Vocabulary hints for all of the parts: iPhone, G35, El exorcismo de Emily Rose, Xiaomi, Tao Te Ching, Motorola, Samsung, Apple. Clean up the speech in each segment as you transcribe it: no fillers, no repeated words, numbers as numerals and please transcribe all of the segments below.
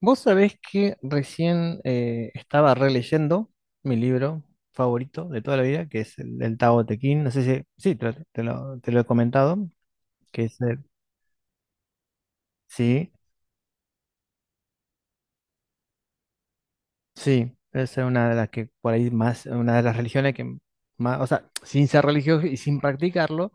Vos sabés que recién estaba releyendo mi libro favorito de toda la vida, que es el Tao Te Ching. No sé si, sí, te lo he comentado, que es el- sí, sí, es una de las que por ahí más, una de las religiones que más, o sea, sin ser religioso y sin practicarlo,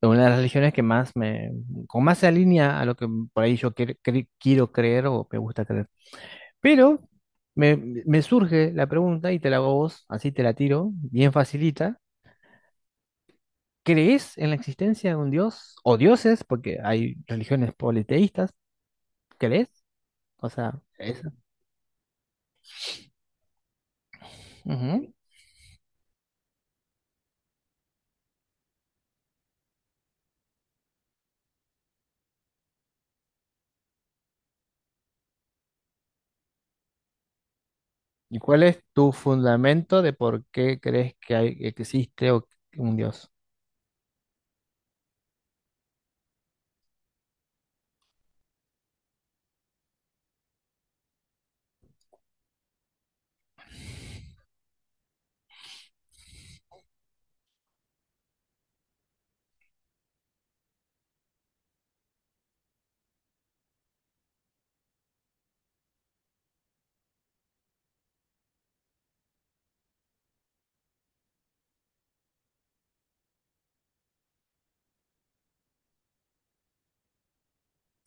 es una de las religiones que más me, con más se alinea a lo que por ahí yo quiero creer o me gusta creer. Pero me, me surge la pregunta y te la hago a vos, así te la tiro, bien facilita. ¿Crees en la existencia de un dios o dioses? Porque hay religiones politeístas. ¿Crees? O sea, eso. Ujú. ¿Y cuál es tu fundamento de por qué crees que que existe que un dios?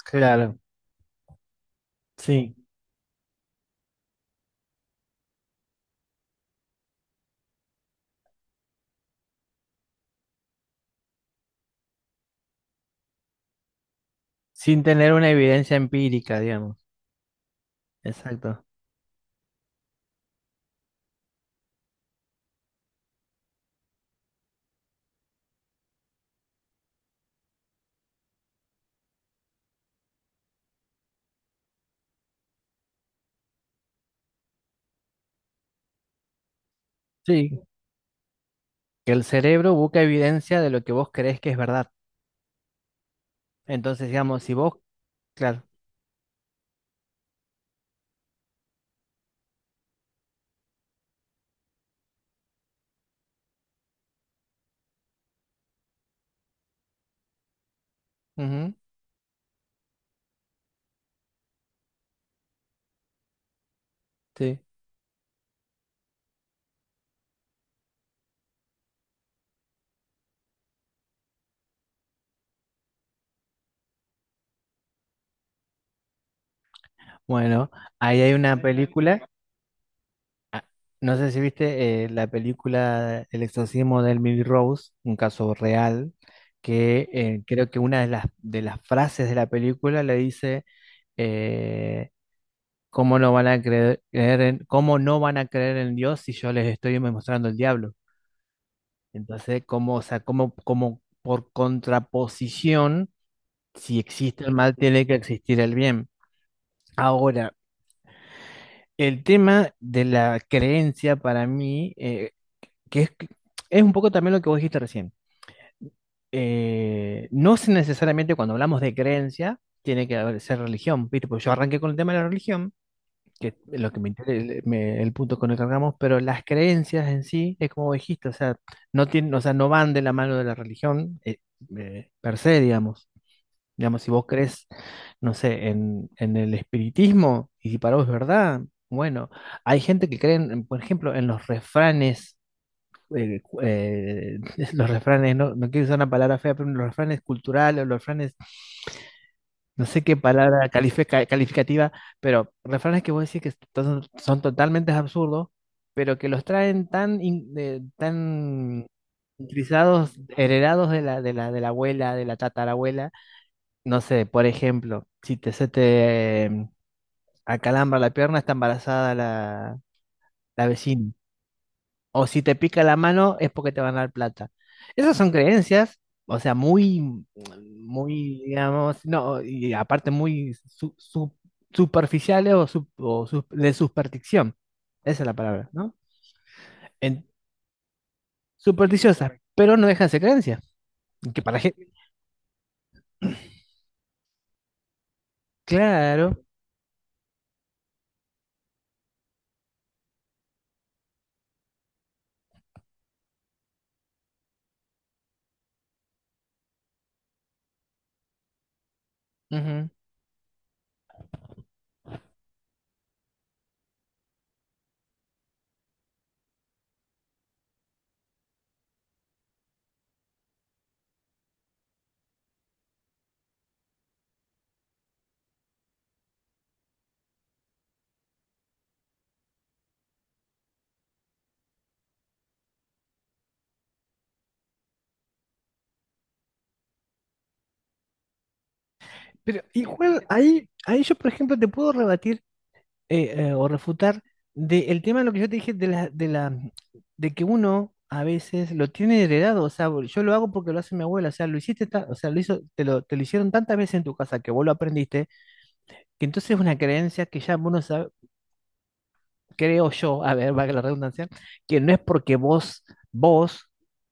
Claro, sí, sin tener una evidencia empírica, digamos. Exacto. Sí, que el cerebro busca evidencia de lo que vos crees que es verdad. Entonces, digamos, si vos, claro. Ujú. Sí. Bueno, ahí hay una película. Ah, no sé si viste la película El exorcismo de Emily Rose, un caso real, que creo que una de de las frases de la película le dice, eh, ¿cómo no van a creer cómo no van a creer en Dios si yo les estoy mostrando el diablo? Entonces, como, o sea, como, como por contraposición, si existe el mal, tiene que existir el bien. Ahora, el tema de la creencia para mí que es un poco también lo que vos dijiste recién. No es necesariamente cuando hablamos de creencia, tiene que ser religión, ¿viste? Porque yo arranqué con el tema de la religión, que es lo que me, el punto con el que arrancamos, pero las creencias en sí, es como vos dijiste, o sea, no tienen, o sea, no van de la mano de la religión per se, digamos. Digamos, si vos crees, no sé, en el espiritismo, y si para vos es verdad, bueno, hay gente que cree, por ejemplo, en los refranes eh, cu- eh, los refranes, no, no quiero usar una palabra fea, pero los refranes culturales, los refranes, no sé qué palabra calificativa, pero refranes que vos decís que son, son totalmente absurdos, pero que los traen tan, tan utilizados, heredados de de la abuela, de la tatarabuela. No sé, por ejemplo, si se te acalambra la pierna, está embarazada la vecina, o si te pica la mano es porque te van a dar plata. Esas son creencias, o sea, muy, muy, digamos, no, y aparte muy superficiales o de superstición. Esa es la palabra, ¿no? En- Supersticiosas, pero no dejan de ser creencias. Que para gente, claro. Ujú. Pero igual ahí yo, por ejemplo, te puedo rebatir o refutar de el tema de lo que yo te dije de la de que uno a veces lo tiene heredado, o sea, yo lo hago porque lo hace mi abuela, o sea, o sea, lo hizo, te lo hicieron tantas veces en tu casa que vos lo aprendiste, que entonces es una creencia que ya uno sabe, creo yo, a ver, valga la redundancia, que no es porque vos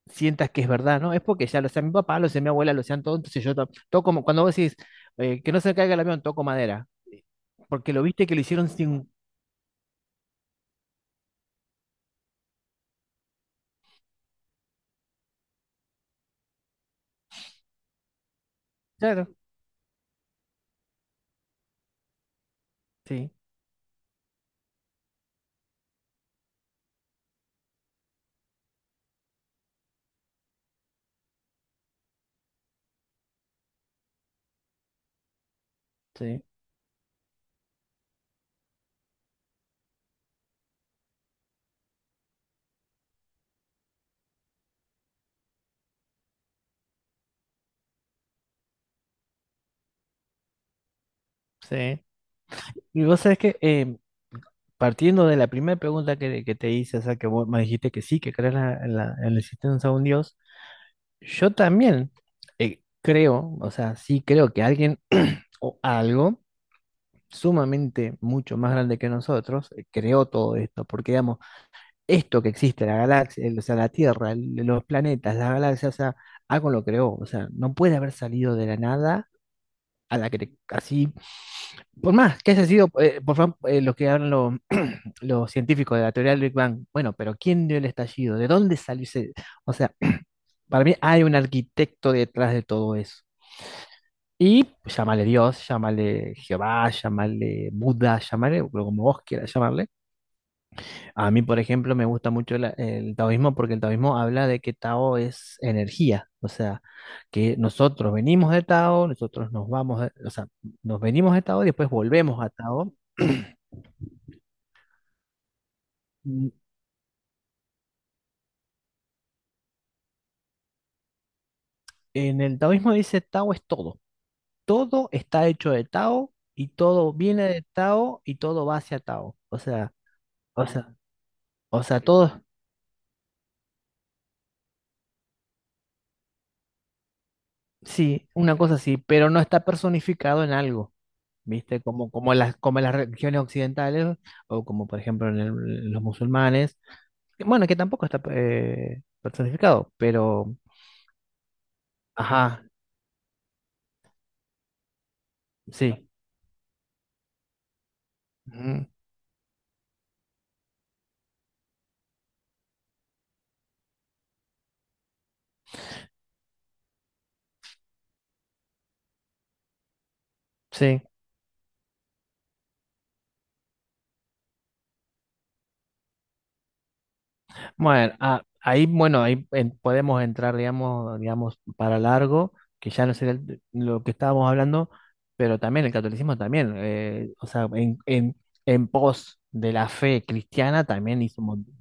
sientas que es verdad, ¿no? Es porque ya lo sea mi papá, lo sea mi abuela, lo sean todos, entonces yo cuando vos decís que no se caiga el avión, toco madera, porque lo viste que lo hicieron sin, claro, sí, sí. Sí. Y vos sabés que partiendo de la primera pregunta que te hice, o sea, que vos me dijiste que sí, que crees en en la existencia de un Dios, yo también creo, o sea, sí creo que alguien o algo sumamente mucho más grande que nosotros creó todo esto, porque digamos, esto que existe, la galaxia, o sea, la Tierra, los planetas, las galaxias, o sea, algo lo creó, o sea, no puede haber salido de la nada a la que así, por más que haya sido, por favor, los que hablan los científicos de la teoría del Big Bang, bueno, pero ¿quién dio el estallido? ¿De dónde salió ese? O sea, para mí hay un arquitecto detrás de todo eso. Y llámale Dios, llámale Jehová, llámale Buda, llámale o como vos quieras llamarle. A mí, por ejemplo, me gusta mucho el taoísmo porque el taoísmo habla de que Tao es energía, o sea, que nosotros venimos de Tao, nosotros nos vamos, o sea, nos venimos de Tao y después volvemos a Tao. Mm, en el taoísmo dice Tao es todo. Todo está hecho de Tao y todo viene de Tao y todo va hacia Tao. O sea, o sea, todo, sí, una cosa así, pero no está personificado en algo, ¿viste? Como, como las religiones occidentales o como por ejemplo los musulmanes, que, bueno, que tampoco está personificado, pero, ajá, sí, ujú, sí. Bueno, ahí podemos entrar, digamos, digamos, para largo, que ya no sería lo que estábamos hablando, pero también el catolicismo también, o sea, en pos de la fe cristiana también hizo un montón.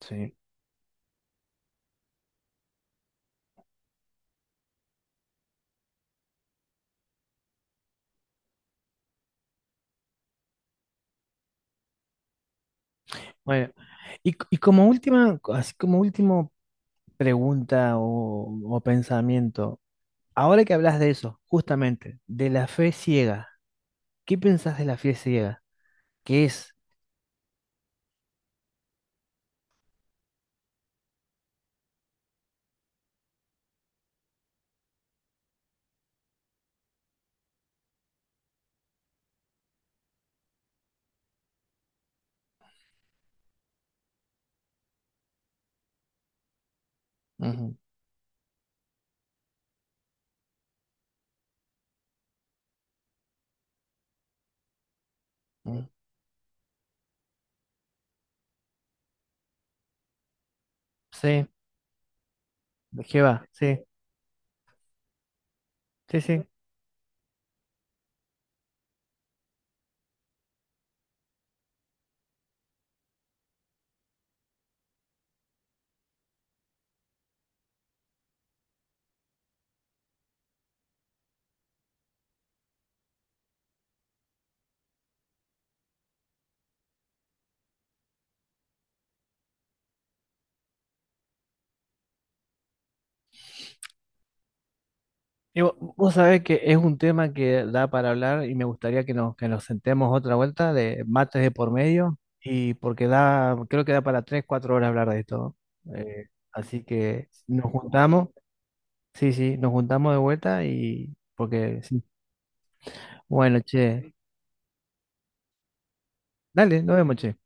Sí. Bueno, y como última, así como último pregunta o pensamiento, ahora que hablas de eso, justamente, de la fe ciega, ¿qué pensás de la fe ciega? ¿Qué es? Ujú, ujú. Sí, ¿de qué va? Sí. Sí, sí. Y vos, sabés que es un tema que da para hablar y me gustaría que que nos sentemos otra vuelta de mates de por medio y porque da, creo que da para 3, 4 horas hablar de esto. Eh, así que nos juntamos, sí, sí, nos juntamos de vuelta y porque, sí. Bueno, che, dale, nos vemos, che.